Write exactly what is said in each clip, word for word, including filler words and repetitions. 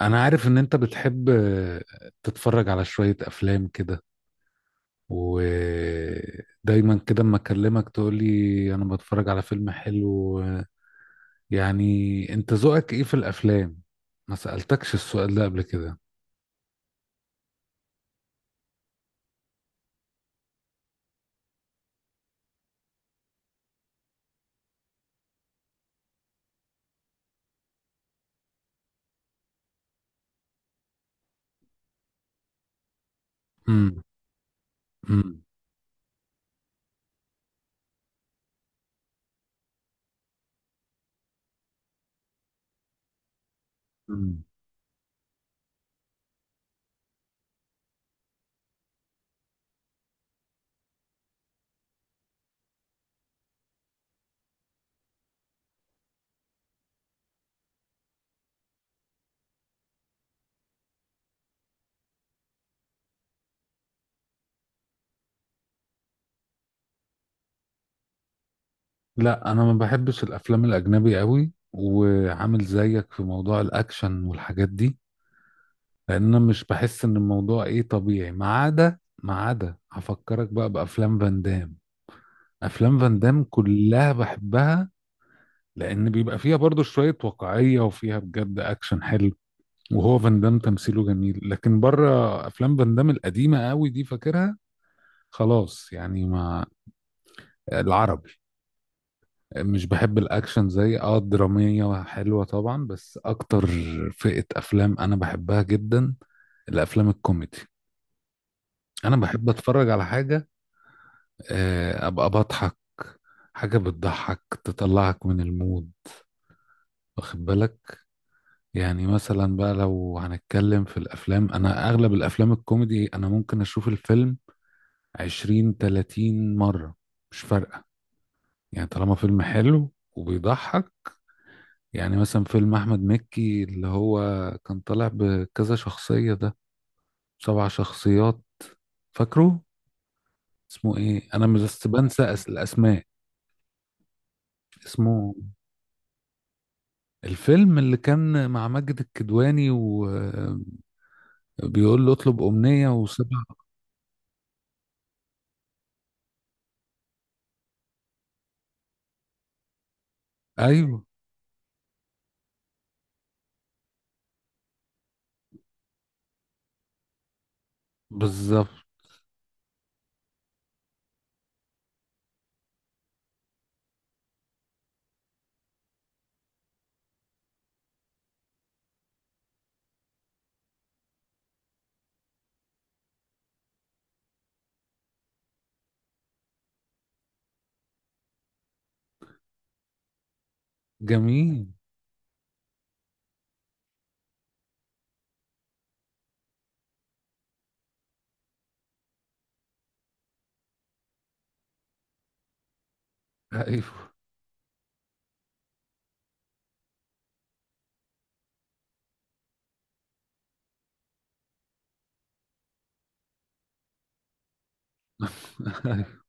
انا عارف ان انت بتحب تتفرج على شوية افلام كده، ودايما كده اما اكلمك تقولي انا بتفرج على فيلم حلو يعني. انت ذوقك ايه في الافلام؟ ما سألتكش السؤال ده قبل كده. امم. امم. أمم. لا، انا ما بحبش الافلام الاجنبي قوي، وعامل زيك في موضوع الاكشن والحاجات دي، لان انا مش بحس ان الموضوع ايه طبيعي، ما عدا ما عدا هفكرك بقى بافلام فان دام. افلام فان دام كلها بحبها، لان بيبقى فيها برضو شوية واقعية وفيها بجد اكشن حلو. وهو فان دام تمثيله جميل، لكن بره افلام فان دام القديمة قوي دي فاكرها، خلاص يعني. ما العربي مش بحب الاكشن زي، اه الدرامية حلوة طبعا، بس اكتر فئة افلام انا بحبها جدا، الافلام الكوميدي. انا بحب اتفرج على حاجة، آه، ابقى بضحك. حاجة بتضحك تطلعك من المود، واخد بالك؟ يعني مثلا بقى لو هنتكلم في الافلام، انا اغلب الافلام الكوميدي انا ممكن اشوف الفيلم عشرين ثلاتين مرة، مش فارقة، يعني طالما فيلم حلو وبيضحك. يعني مثلا فيلم احمد مكي اللي هو كان طالع بكذا شخصية ده، سبع شخصيات، فاكره؟ اسمه ايه؟ انا مش بس بنسى أس- الاسماء. اسمه الفيلم اللي كان مع ماجد الكدواني وبيقول له اطلب امنية وسبع. ايوه، بالظبط. جميل. ايوه. ايوه.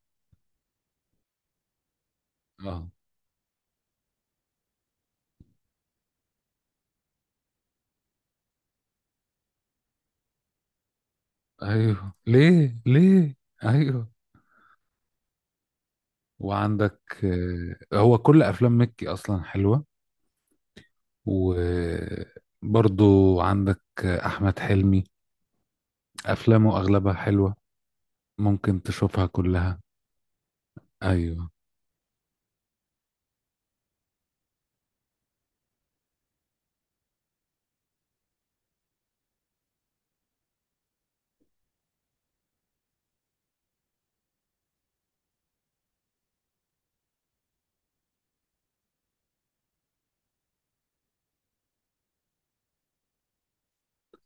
اه، ايوه. ليه ليه. ايوه، وعندك. آه، هو كل افلام مكي اصلا حلوه، وبرضو عندك آه، احمد حلمي. افلامه اغلبها حلوه، ممكن تشوفها كلها. ايوه.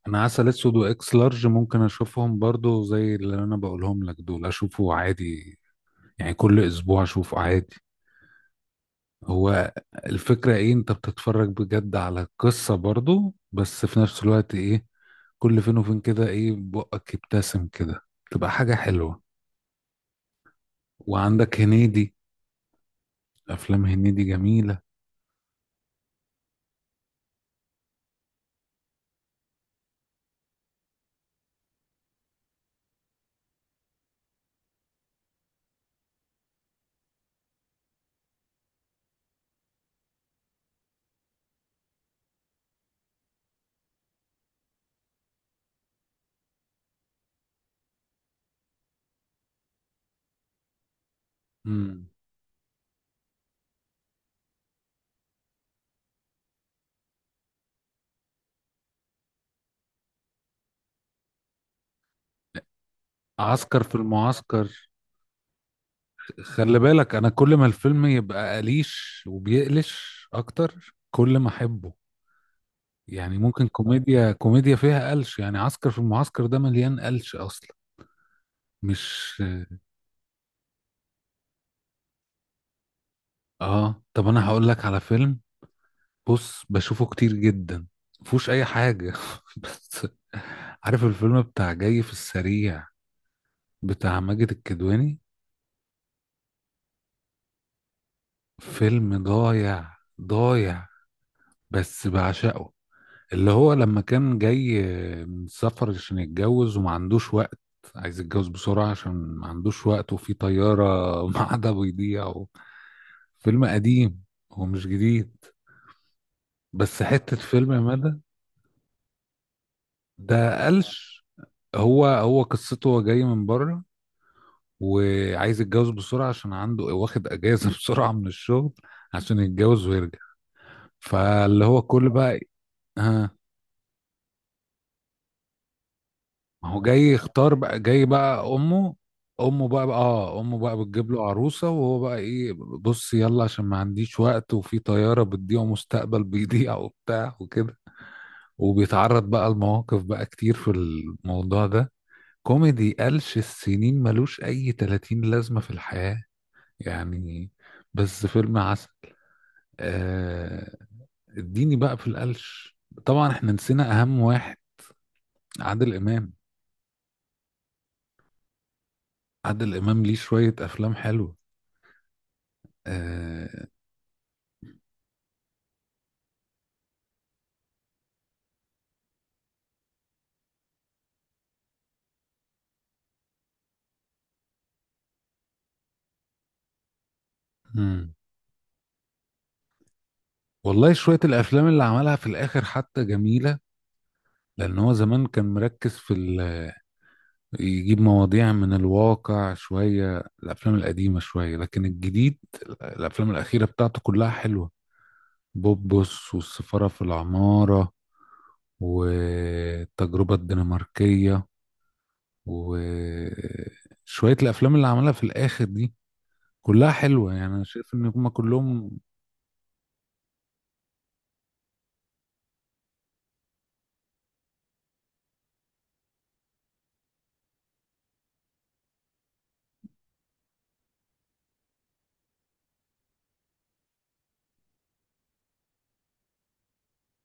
انا عسل اسود واكس لارج ممكن اشوفهم برضو، زي اللي انا بقولهم لك، دول اشوفه عادي، يعني كل اسبوع اشوفه عادي. هو الفكرة ايه؟ انت بتتفرج بجد على القصة برضو، بس في نفس الوقت ايه، كل فين وفين كده ايه بقك يبتسم كده، تبقى حاجة حلوة. وعندك هنيدي، افلام هنيدي جميلة. مم. عسكر في المعسكر. خلي بالك انا كل ما الفيلم يبقى قليش وبيقلش اكتر كل ما احبه. يعني ممكن كوميديا كوميديا فيها قلش، يعني عسكر في المعسكر ده مليان قلش اصلا، مش اه طب انا هقول لك على فيلم. بص بشوفه كتير جدا، مفهوش اي حاجه بس. عارف الفيلم بتاع جاي في السريع، بتاع ماجد الكدواني؟ فيلم ضايع ضايع، بس بعشقه. اللي هو لما كان جاي من سفر عشان يتجوز وما عندوش وقت، عايز يتجوز بسرعة عشان ما عندوش وقت، وفي طيارة معادة بيضيع و- فيلم قديم، هو مش جديد، بس حتة فيلم مدى. ده قلش. هو هو قصته هو جاي من بره، وعايز يتجوز بسرعة عشان عنده واخد أجازة بسرعة من الشغل عشان يتجوز ويرجع. فاللي هو كل بقى إيه، ها، ما هو جاي يختار بقى. جاي بقى أمه أمه بقى, بقى آه أمه بقى بتجيب له عروسة، وهو بقى إيه، بص يلا عشان ما عنديش وقت وفي طيارة بتضيع ومستقبل بيضيع وبتاع وكده. وبيتعرض بقى لمواقف بقى كتير في الموضوع ده، كوميدي قلش، السنين ملوش أي ثلاتين لازمة في الحياة يعني. بس فيلم عسل. آه، اديني بقى في القلش. طبعا احنا نسينا اهم واحد، عادل امام. عادل امام ليه شوية افلام حلوة. آه. مم. والله شوية الافلام اللي عملها في الاخر حتى جميلة، لان هو زمان كان مركز في ال- يجيب مواضيع من الواقع. شوية الافلام القديمة شوية، لكن الجديد، الافلام الاخيرة بتاعته كلها حلوة. بوبوس، والسفارة في العمارة، والتجربة الدنماركية، وشوية الأفلام اللي عملها في الآخر دي كلها حلوة، يعني أنا شايف إن هما كلهم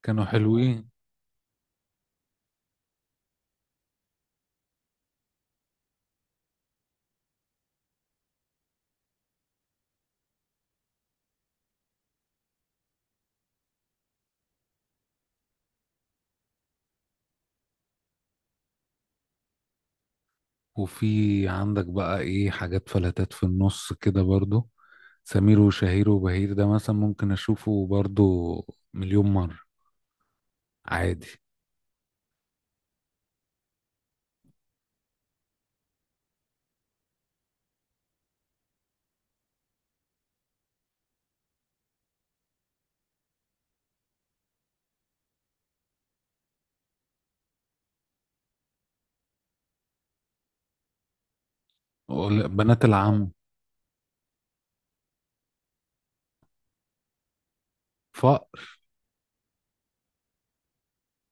كانوا حلوين. وفي عندك بقى إيه حاجات فلتات في النص كده برضو. سمير وشهير وبهير ده مثلا ممكن أشوفه برضو مليون مرة، عادي. ولا- بنات العم. فقر.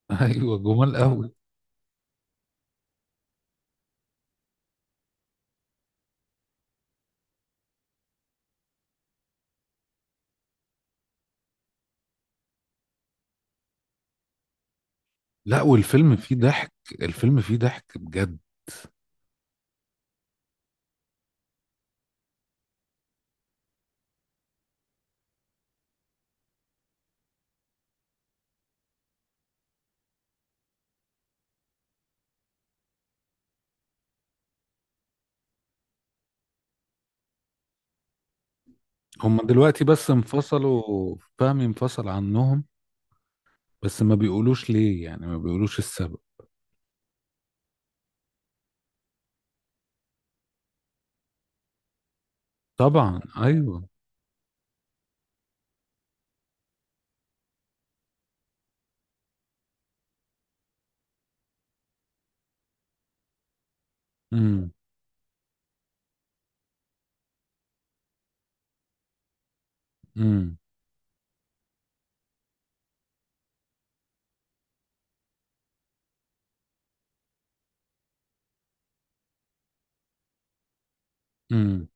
أيوة، جمال أوي. لا، والفيلم فيه ضحك، الفيلم فيه ضحك بجد. هما دلوقتي بس انفصلوا، فهمي انفصل عنهم. بس ما بيقولوش ليه، يعني ما بيقولوش السبب. طبعا، ايوه. امم. امم. امم.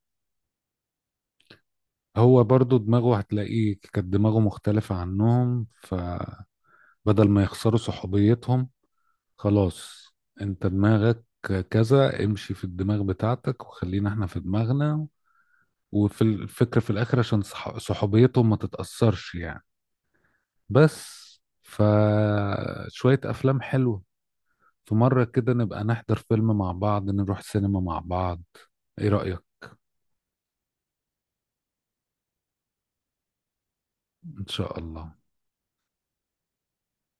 هو برضو دماغه هتلاقيه كانت دماغه مختلفة عنهم، فبدل ما يخسروا صحوبيتهم، خلاص، انت دماغك كذا، امشي في الدماغ بتاعتك وخلينا احنا في دماغنا، وفي الفكرة في الاخر عشان صح- صحوبيتهم ما تتأثرش يعني. بس فشوية افلام حلوة. في مرة كده نبقى نحضر فيلم مع بعض، نروح سينما مع بعض، ايه رأيك؟ ان شاء الله.